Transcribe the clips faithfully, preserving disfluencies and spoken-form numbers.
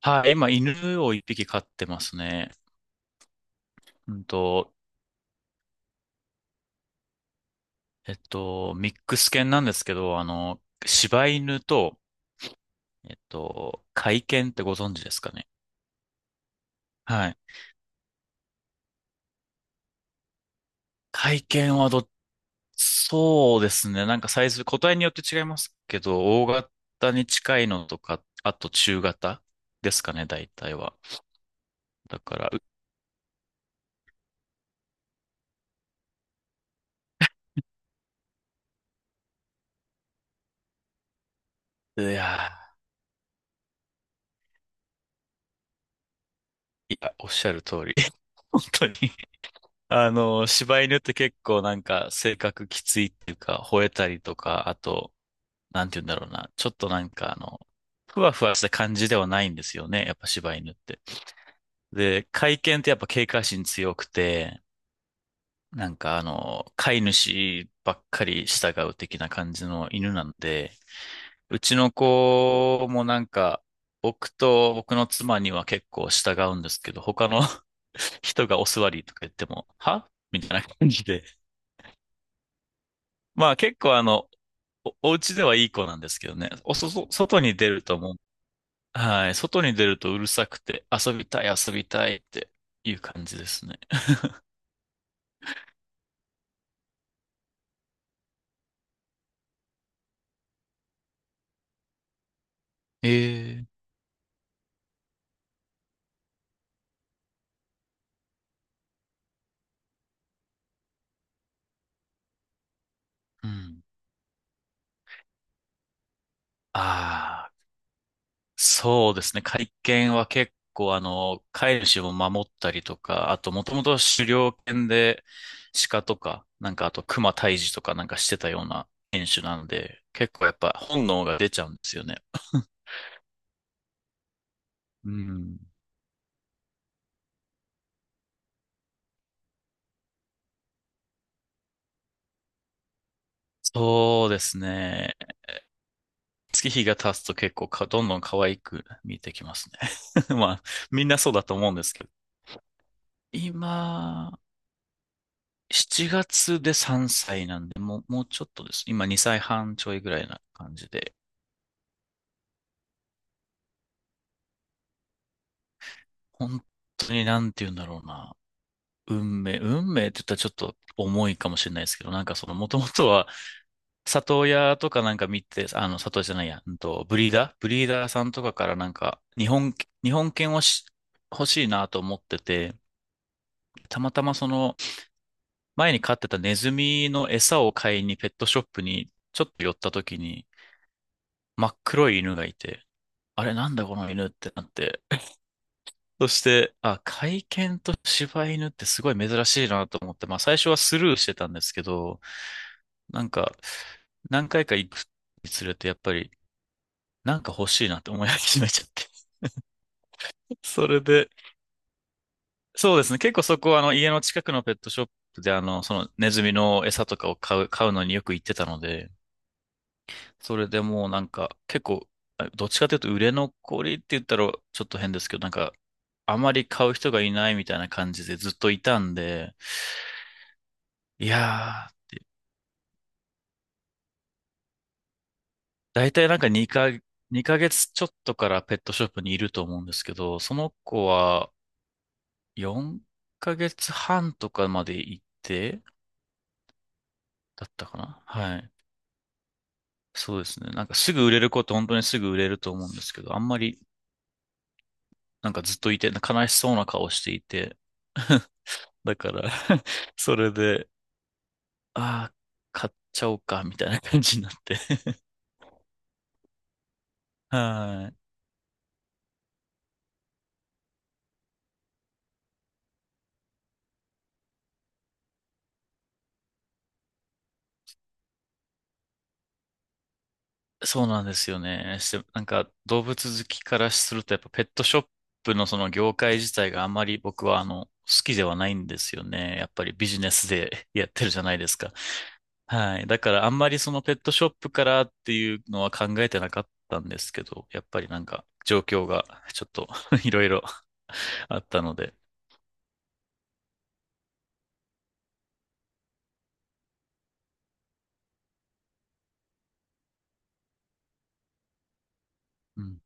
はい、今、犬を一匹飼ってますね。うんと、えっと、ミックス犬なんですけど、あの、柴犬と、えっと、甲斐犬ってご存知ですかね。はい。甲斐犬は、ど、そうですね。なんかサイズ、個体によって違いますけど、大型に近いのとか、あと中型ですかね、大体は。だから、ういやー、いや、おっしゃる通り。本当にあの、柴犬って結構なんか性格きついっていうか、吠えたりとか、あと、なんて言うんだろうな、ちょっとなんかあの、ふわふわした感じではないんですよね、やっぱ柴犬って。で、甲斐犬ってやっぱ警戒心強くて、なんかあの、飼い主ばっかり従う的な感じの犬なんで、うちの子もなんか、僕と僕の妻には結構従うんですけど、他の 人がお座りとか言っても、はみたいな感じで、まあ結構あの、お、お家ではいい子なんですけどね。おそ、そ外に出るともう、はい、外に出るとうるさくて、遊びたい、遊びたいっていう感じですね。ええ、うん。ああ、そうですね。会見は結構あの、飼い主を守ったりとか、あともともと狩猟犬で鹿とか、なんかあと熊退治とかなんかしてたような犬種なので、結構やっぱ本能が出ちゃうんですよね。うん。そうですね。月日が経つと結構か、どんどん可愛く見えてきますね。まあ、みんなそうだと思うんですけど。今、しちがつでさんさいなんで、もう、もうちょっとです。今にさいはんちょいぐらいな感じで。本当になんて言うんだろうな。運命、運命って言ったらちょっと重いかもしれないですけど、なんかその、もともとは、里親とかなんか見て、あの、里親じゃないや、うんと、ブリーダーブリーダーさんとかからなんか、日本、日本犬をし欲しいなと思ってて、たまたまその、前に飼ってたネズミの餌を買いにペットショップにちょっと寄った時に真っ黒い犬がいて、あれなんだこの犬ってなって。そして、あ、甲斐犬と柴犬ってすごい珍しいなと思って、まあ最初はスルーしてたんですけど、なんか何回か行くにつれてやっぱりなんか欲しいなって思い始めちゃって。それで、そうですね。結構そこはあの家の近くのペットショップであの、そのネズミの餌とかを買う、買うのによく行ってたので、それでもうなんか、結構、あどっちかというと売れ残りって言ったらちょっと変ですけど、なんか、あまり買う人がいないみたいな感じでずっといたんで、いやー、だいたいなんか2か、二ヶ月ちょっとからペットショップにいると思うんですけど、その子はよんかげつはんとかまで行って、だったかな、はい。そうですね。なんかすぐ売れる子って本当にすぐ売れると思うんですけど、あんまりなんかずっといて、悲しそうな顔していて、だから それで、ああ、買っちゃおうか、みたいな感じになって。 はい。そうなんですよね。して、なんか動物好きからすると、やっぱペットショップのその業界自体があまり僕はあの、好きではないんですよね。やっぱりビジネスで やってるじゃないですか。はい。だからあんまりそのペットショップからっていうのは考えてなかったんですけど、やっぱりなんか状況がちょっと いろいろ あったので、うん、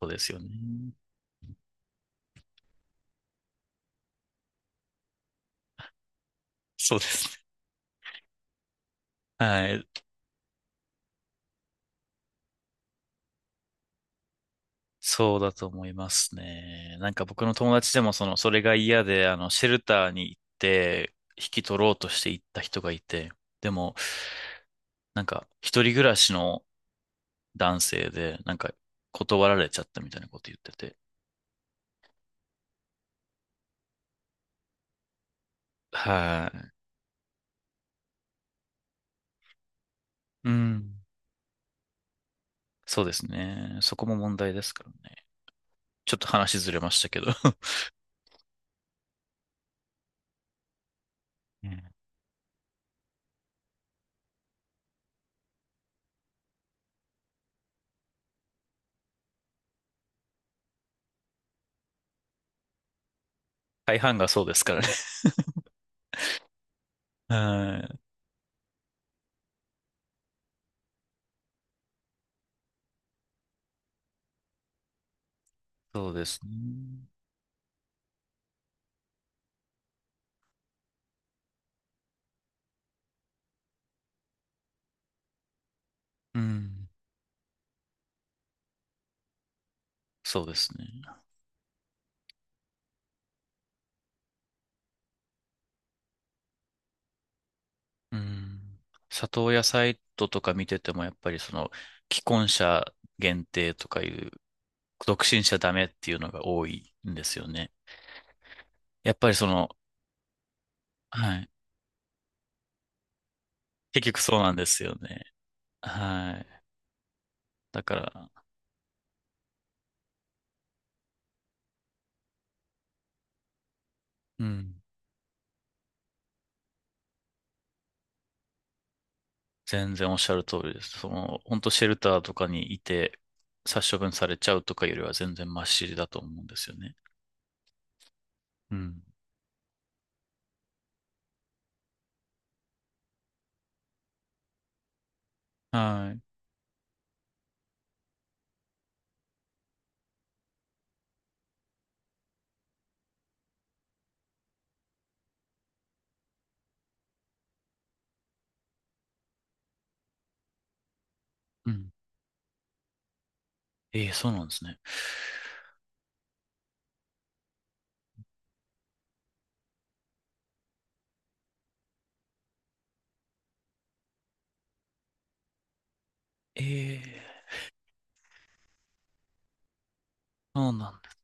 そうですよね。そうですね。はい。そうだと思いますね。なんか僕の友達でもその、それが嫌で、あの、シェルターに行って、引き取ろうとして行った人がいて、でも、なんか、一人暮らしの男性で、なんか、断られちゃったみたいなこと言ってて。はい。うん。そうですね。そこも問題ですからね。ちょっと話ずれましたけど。ね。大半がそうですからね。はい。そうですね。うん。そうですね。うん。里親サイトとか見てても、やっぱりその、既婚者限定とかいう、独身者ダメっていうのが多いんですよね。やっぱりその、はい。結局そうなんですよね。はい。だから、うん。全然おっしゃる通りです。その、本当シェルターとかにいて、殺処分されちゃうとかよりは全然マシだと思うんですよね。うん。はい。うん。ええ、そうなんですね。ええ、そうなんだ。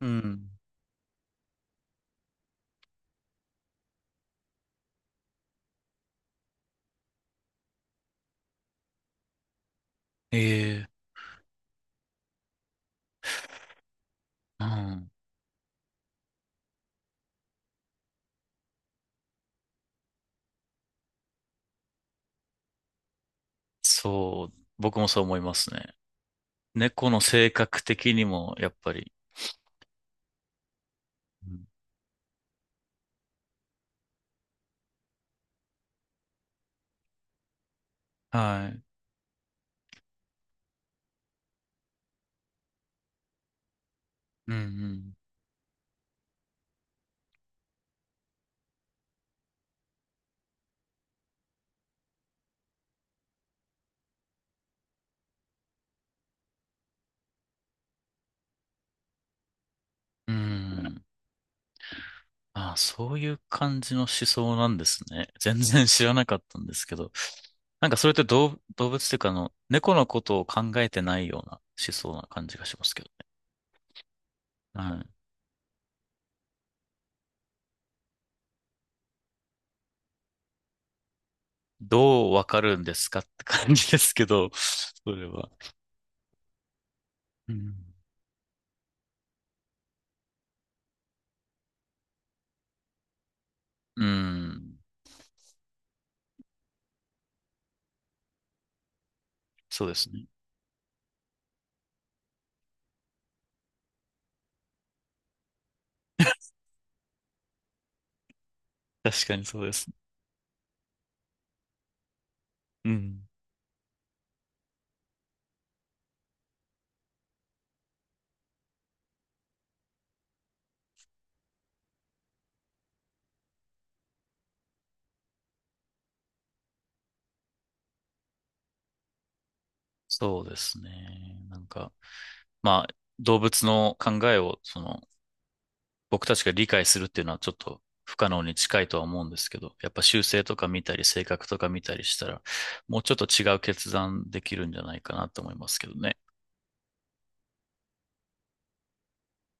うん。ええ、うん。そう、僕もそう思いますね。猫の性格的にも、やっぱり。うん、はい。うん、うん。うん。ああ、そういう感じの思想なんですね。全然知らなかったんですけど。なんかそれって動、動物っていうか、あの、猫のことを考えてないような思想な感じがしますけどね。はい。どうわかるんですかって感じですけど、それは。うん。うん。そうですね。確かにそうです。うん。そうですね。なんか。まあ、動物の考えを、その、僕たちが理解するっていうのはちょっと不可能に近いとは思うんですけど、やっぱ習性とか見たり、性格とか見たりしたら、もうちょっと違う決断できるんじゃないかなと思いますけどね。